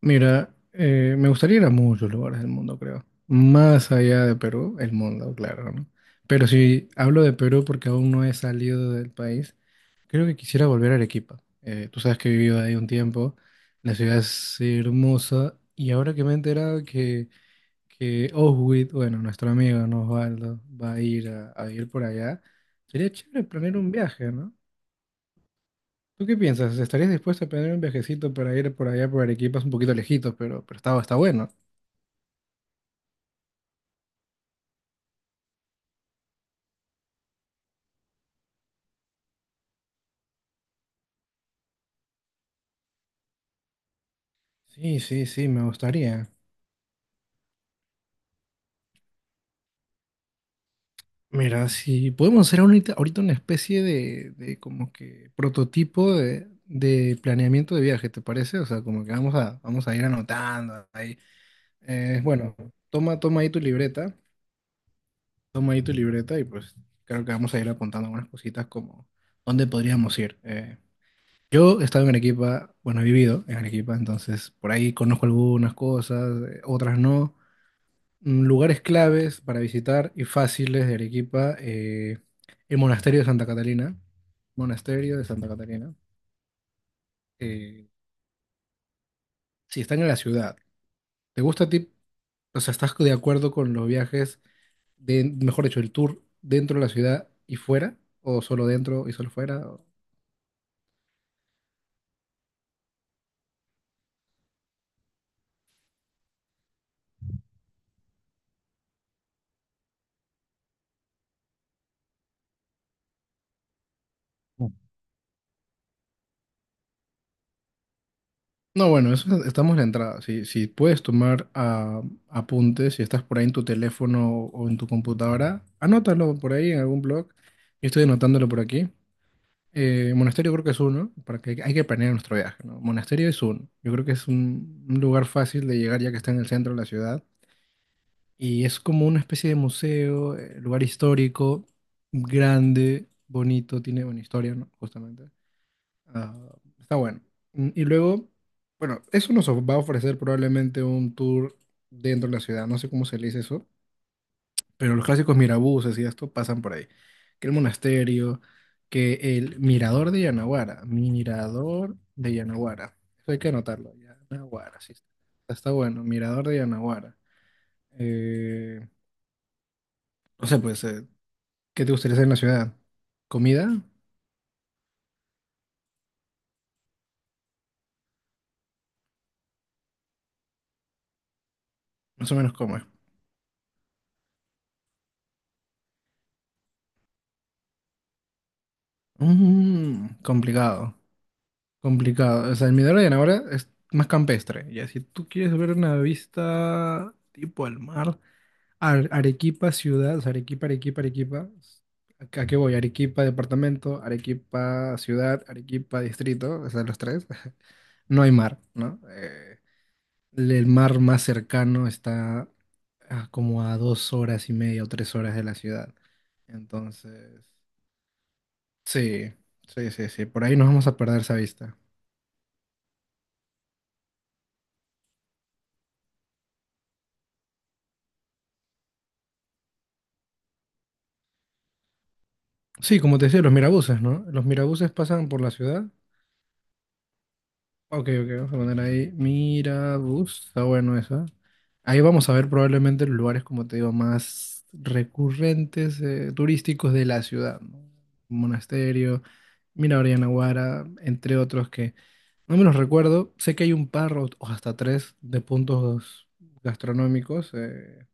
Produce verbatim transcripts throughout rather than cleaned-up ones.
Mira, eh, me gustaría ir a muchos lugares del mundo, creo. Más allá de Perú, el mundo, claro, ¿no? Pero si hablo de Perú porque aún no he salido del país, creo que quisiera volver a Arequipa. Eh, tú sabes que he vivido ahí un tiempo, la ciudad es hermosa y ahora que me he enterado que, que Oswit, bueno, nuestro amigo, ¿no? Osvaldo, va a ir a, a ir por allá, sería chévere planear un viaje, ¿no? ¿Tú qué piensas? ¿Estarías dispuesto a planear un viajecito para ir por allá por Arequipa? Es un poquito lejitos, pero, pero está, está bueno. Sí, sí, sí, me gustaría. Mira, si podemos hacer ahorita, ahorita una especie de, de como que prototipo de, de planeamiento de viaje, ¿te parece? O sea, como que vamos a, vamos a ir anotando ahí. Eh, bueno, toma, toma ahí tu libreta, toma ahí tu libreta y pues creo que vamos a ir apuntando algunas cositas como dónde podríamos ir. Eh, yo he estado en Arequipa, bueno, he vivido en Arequipa, entonces por ahí conozco algunas cosas, eh, otras no. Mm, lugares claves para visitar y fáciles de Arequipa, eh, el monasterio de Santa Catalina. Monasterio de Santa Catalina. Eh, si están en la ciudad, ¿te gusta a ti? O sea, ¿estás de acuerdo con los viajes, de, mejor dicho, el tour dentro de la ciudad y fuera? ¿O solo dentro y solo fuera? ¿O- No, bueno, eso, estamos en la entrada. Si, si puedes tomar ah, apuntes, si estás por ahí en tu teléfono o en tu computadora, anótalo por ahí en algún blog. Yo estoy anotándolo por aquí. Eh, Monasterio creo que es uno, para que hay que planear nuestro viaje, ¿no? Monasterio es uno. Yo creo que es un, un lugar fácil de llegar ya que está en el centro de la ciudad. Y es como una especie de museo, eh, lugar histórico, grande, bonito, tiene buena historia, ¿no? Justamente. Ah, está bueno. Mm, y luego, bueno, eso nos va a ofrecer probablemente un tour dentro de la ciudad. No sé cómo se le dice eso. Pero los clásicos mirabuses y esto pasan por ahí. Que el monasterio, que el mirador de Yanaguara, mirador de Yanaguara. Eso hay que anotarlo, Yanaguara, sí. Está está bueno, mirador de Yanaguara. Eh, no sé, pues, eh, ¿qué te gustaría hacer en la ciudad? ¿Comida? Más o menos cómo es. Mm, complicado, complicado. O sea, el mirador de Yanaguara es más campestre. Ya, si tú quieres ver una vista tipo al mar. Ar- Arequipa ciudad, o sea, Arequipa, Arequipa, Arequipa. ¿A a qué voy? Arequipa departamento, Arequipa ciudad, Arequipa distrito, o sea, los tres. No hay mar, ¿no? Eh, el mar más cercano está a como a dos horas y media o tres horas de la ciudad. Entonces, sí, sí, sí, sí, por ahí nos vamos a perder esa vista. Sí, como te decía, los mirabuses, ¿no? Los mirabuses pasan por la ciudad. Ok, ok, vamos a poner ahí. Mira, bus, está bueno esa. Ahí vamos a ver probablemente los lugares, como te digo, más recurrentes, eh, turísticos de la ciudad, ¿no? Monasterio, Mirador Yanaguara, entre otros que no me los recuerdo. Sé que hay un par o o hasta tres de puntos gastronómicos. eh,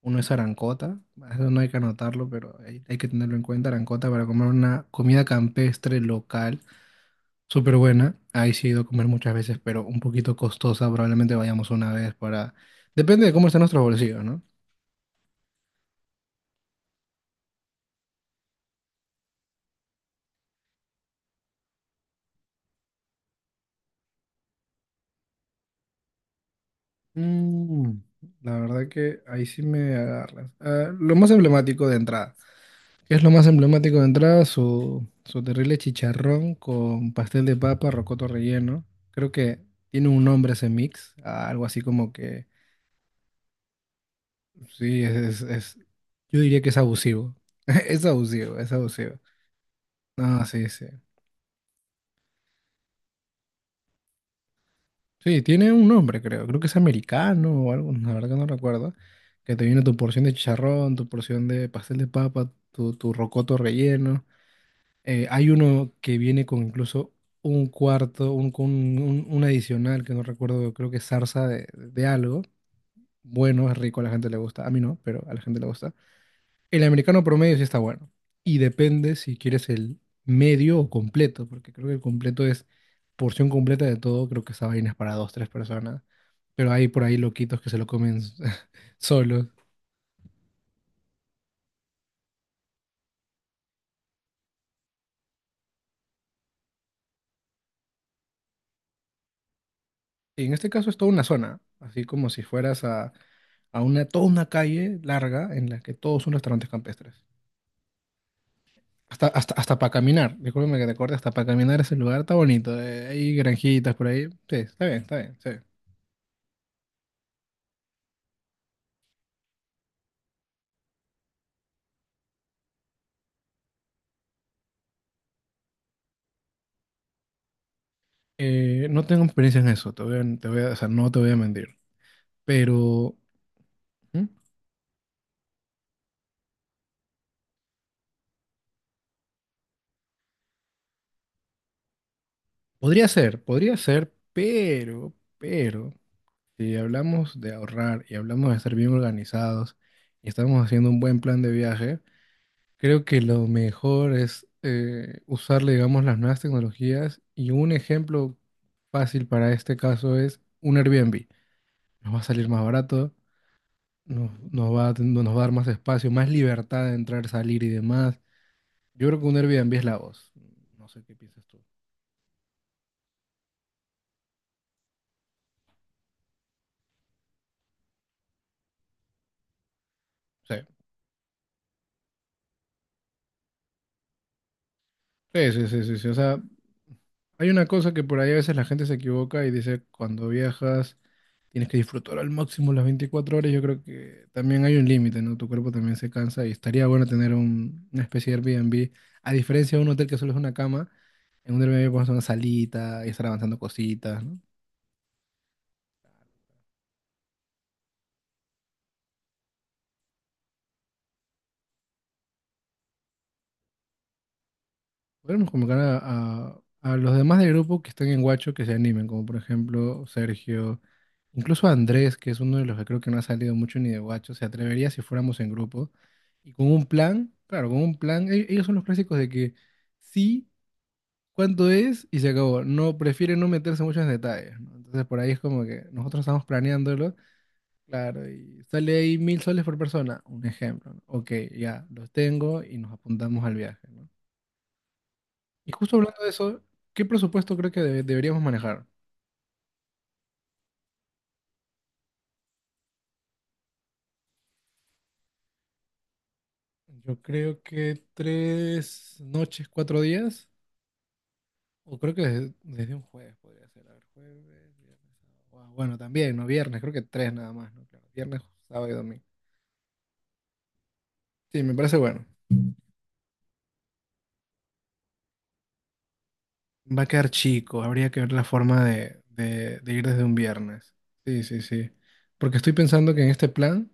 uno es Arancota, eso no hay que anotarlo, pero hay, hay que tenerlo en cuenta, Arancota, para comer una comida campestre local. Súper buena. Ahí sí he ido a comer muchas veces, pero un poquito costosa. Probablemente vayamos una vez para... Depende de cómo estén nuestros bolsillos, ¿no? Mm, la verdad que ahí sí me agarras. Ah, lo más emblemático de entrada. ¿Qué es lo más emblemático de entrada? Su, su terrible chicharrón con pastel de papa, rocoto relleno. Creo que tiene un nombre ese mix. ah, algo así como que... Sí, es, es, es- Yo diría que es abusivo. Es abusivo, es abusivo. No, sí, sí. Sí, tiene un nombre, creo. Creo que es americano o algo, la verdad que no recuerdo. Que te viene tu porción de chicharrón, tu porción de pastel de papa, tu, tu rocoto relleno. Eh, hay uno que viene con incluso un cuarto, un, con un, un adicional que no recuerdo, creo que es zarza de, de algo. Bueno, es rico, a la gente le gusta. A mí no, pero a la gente le gusta. El americano promedio sí está bueno. Y depende si quieres el medio o completo, porque creo que el completo es porción completa de todo. Creo que esa vaina es para dos, tres personas. Pero hay por ahí loquitos que se lo comen solos. Y en este caso es toda una zona, así como si fueras a, a una, toda una calle larga en la que todos son restaurantes campestres. Hasta, hasta, hasta para caminar, discúlpame que te corte, hasta para caminar ese lugar está bonito. eh, hay granjitas por ahí. Sí, está bien, está bien, sí. Eh, no tengo experiencia en eso, te voy a- te voy a- o sea, no te voy a mentir, pero ¿Mm? Podría ser, podría ser, pero, pero, si hablamos de ahorrar y hablamos de estar bien organizados y estamos haciendo un buen plan de viaje, creo que lo mejor es eh, usar, digamos, las nuevas tecnologías y un ejemplo fácil para este caso es un Airbnb. Nos va a salir más barato, nos, nos va, a- nos va a dar más espacio, más libertad de entrar, salir y demás. Yo creo que un Airbnb es la voz. No sé qué piensas tú. Sí, sí, sí, sí, sí. Sí. O sea, hay una cosa que por ahí a veces la gente se equivoca y dice, cuando viajas tienes que disfrutar al máximo las veinticuatro horas. Yo creo que también hay un límite, ¿no? Tu cuerpo también se cansa y estaría bueno tener un- una especie de Airbnb. A diferencia de un hotel que solo es una cama, en un Airbnb pones una salita y estar avanzando cositas, ¿no? Podemos convocar a, a- a los demás del grupo que están en Guacho que se animen, como por ejemplo Sergio, incluso Andrés, que es uno de los que creo que no ha salido mucho ni de Guacho, se atrevería si fuéramos en grupo. Y con un plan, claro, con un plan, e- ellos son los clásicos de que sí, cuánto es y se acabó. No, prefieren no meterse mucho en detalles, ¿no? Entonces por ahí es como que nosotros estamos planeándolo, claro, y sale ahí mil soles por persona, un ejemplo, ¿no? Ok, ya, los tengo y nos apuntamos al viaje, ¿no? Y justo hablando de eso, ¿qué presupuesto creo que debe- deberíamos manejar? Yo creo que tres noches, cuatro días, o creo que desde, desde un jueves podría ser. A ver, jueves, viernes, sábado. Guau, bueno, también, ¿no? Viernes, creo que tres nada más, ¿no? Claro, viernes, sábado y domingo. Sí, me parece bueno. Va a quedar chico, habría que ver la forma de, de, de ir desde un viernes. Sí, sí, sí. Porque estoy pensando que en este plan,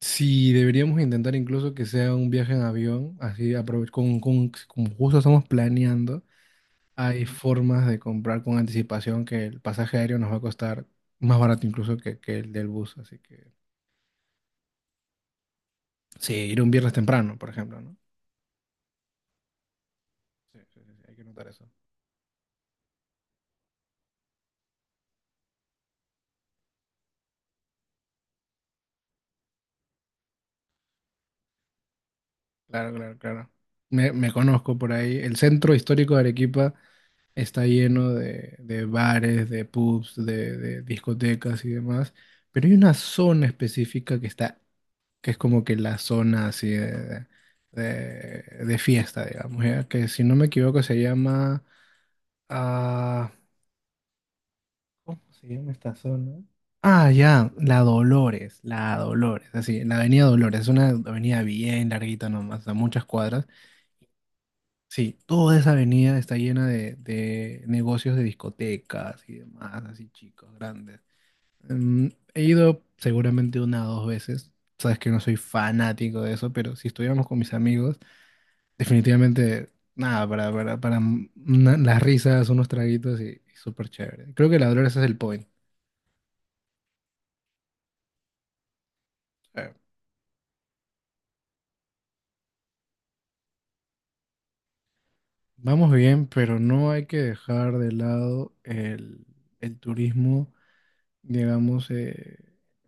si deberíamos intentar incluso que sea un viaje en avión, así aprove- con, con, como justo estamos planeando. Hay formas de comprar con anticipación que el pasaje aéreo nos va a costar más barato incluso que, que el del bus. Así que sí, ir un viernes temprano, por ejemplo, ¿no? Sí, sí, sí, sí, hay que notar eso. Claro, claro, claro. Me, me conozco por ahí. El centro histórico de Arequipa está lleno de, de bares, de pubs, de, de discotecas y demás. Pero hay una zona específica que está, que es como que la zona así de, de, de fiesta, digamos, ¿ya? Que si no me equivoco se llama... Ah, ¿cómo se llama esta zona? Ah, ya, la Dolores, la Dolores, así, la avenida Dolores, es una avenida bien larguita nomás, a muchas cuadras. Sí, toda esa avenida está llena de, de negocios de discotecas y demás, así chicos, grandes. Mm, he ido seguramente una o dos veces, sabes que no soy fanático de eso, pero si estuviéramos con mis amigos, definitivamente, nada, para, para, para mm, una- las risas, unos traguitos y, y súper chévere. Creo que la Dolores es el point. Vamos bien, pero no hay que dejar de lado el, el turismo, digamos, eh,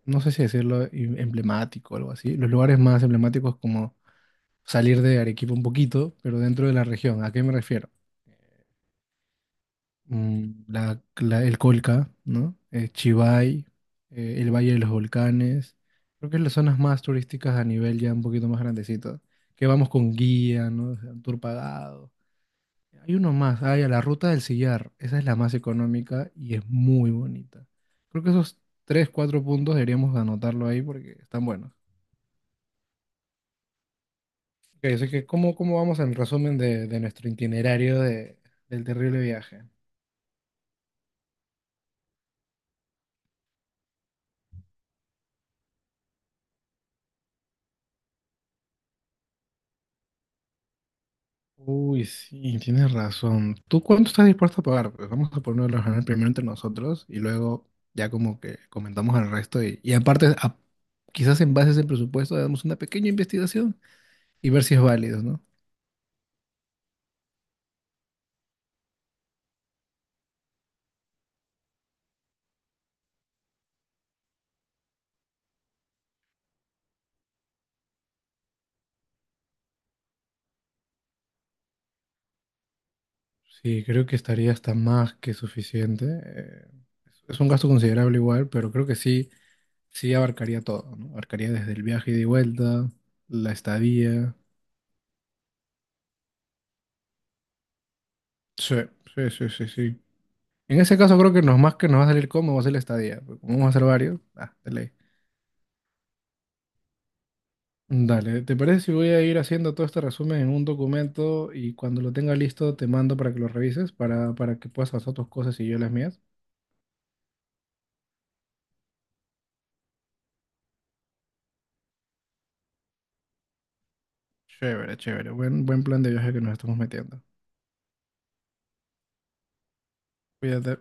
no sé si decirlo em- emblemático o algo así. Los lugares más emblemáticos como salir de Arequipa un poquito, pero dentro de la región. ¿A qué me refiero? Mm, la- la- el Colca, ¿no? Eh, Chivay, eh, el Valle de los Volcanes. Creo que es las zonas más turísticas a nivel ya un poquito más grandecito. Que vamos con guía, ¿no? O sea, un tour pagado. Hay uno más, hay a la Ruta del Sillar. Esa es la más económica y es muy bonita. Creo que esos tres cuatro puntos deberíamos anotarlo ahí porque están buenos. Ok, así que ¿cómo, cómo vamos en resumen de, de nuestro itinerario de- del terrible viaje? Uy, sí, tienes razón. ¿Tú cuánto estás dispuesto a pagar? Pues vamos a ponerlo a ganar primero entre nosotros y luego ya como que comentamos al resto y, y aparte, a- quizás en base a ese presupuesto, hagamos una pequeña investigación y ver si es válido, ¿no? Sí, creo que estaría hasta más que suficiente. Eh, es es un gasto considerable igual, pero creo que sí, sí abarcaría todo, ¿no? Abarcaría desde el viaje ida y vuelta, la estadía. Sí, sí, sí, sí, sí. En ese caso creo que nos más que nos va a salir cómo va a ser la estadía. Porque como vamos a hacer varios, ah, de ley. Dale, ¿te parece si voy a ir haciendo todo este resumen en un documento y cuando lo tenga listo te mando para que lo revises, para, para que puedas hacer tus cosas y yo las mías? Chévere, chévere. Buen, buen plan de viaje que nos estamos metiendo. Cuídate.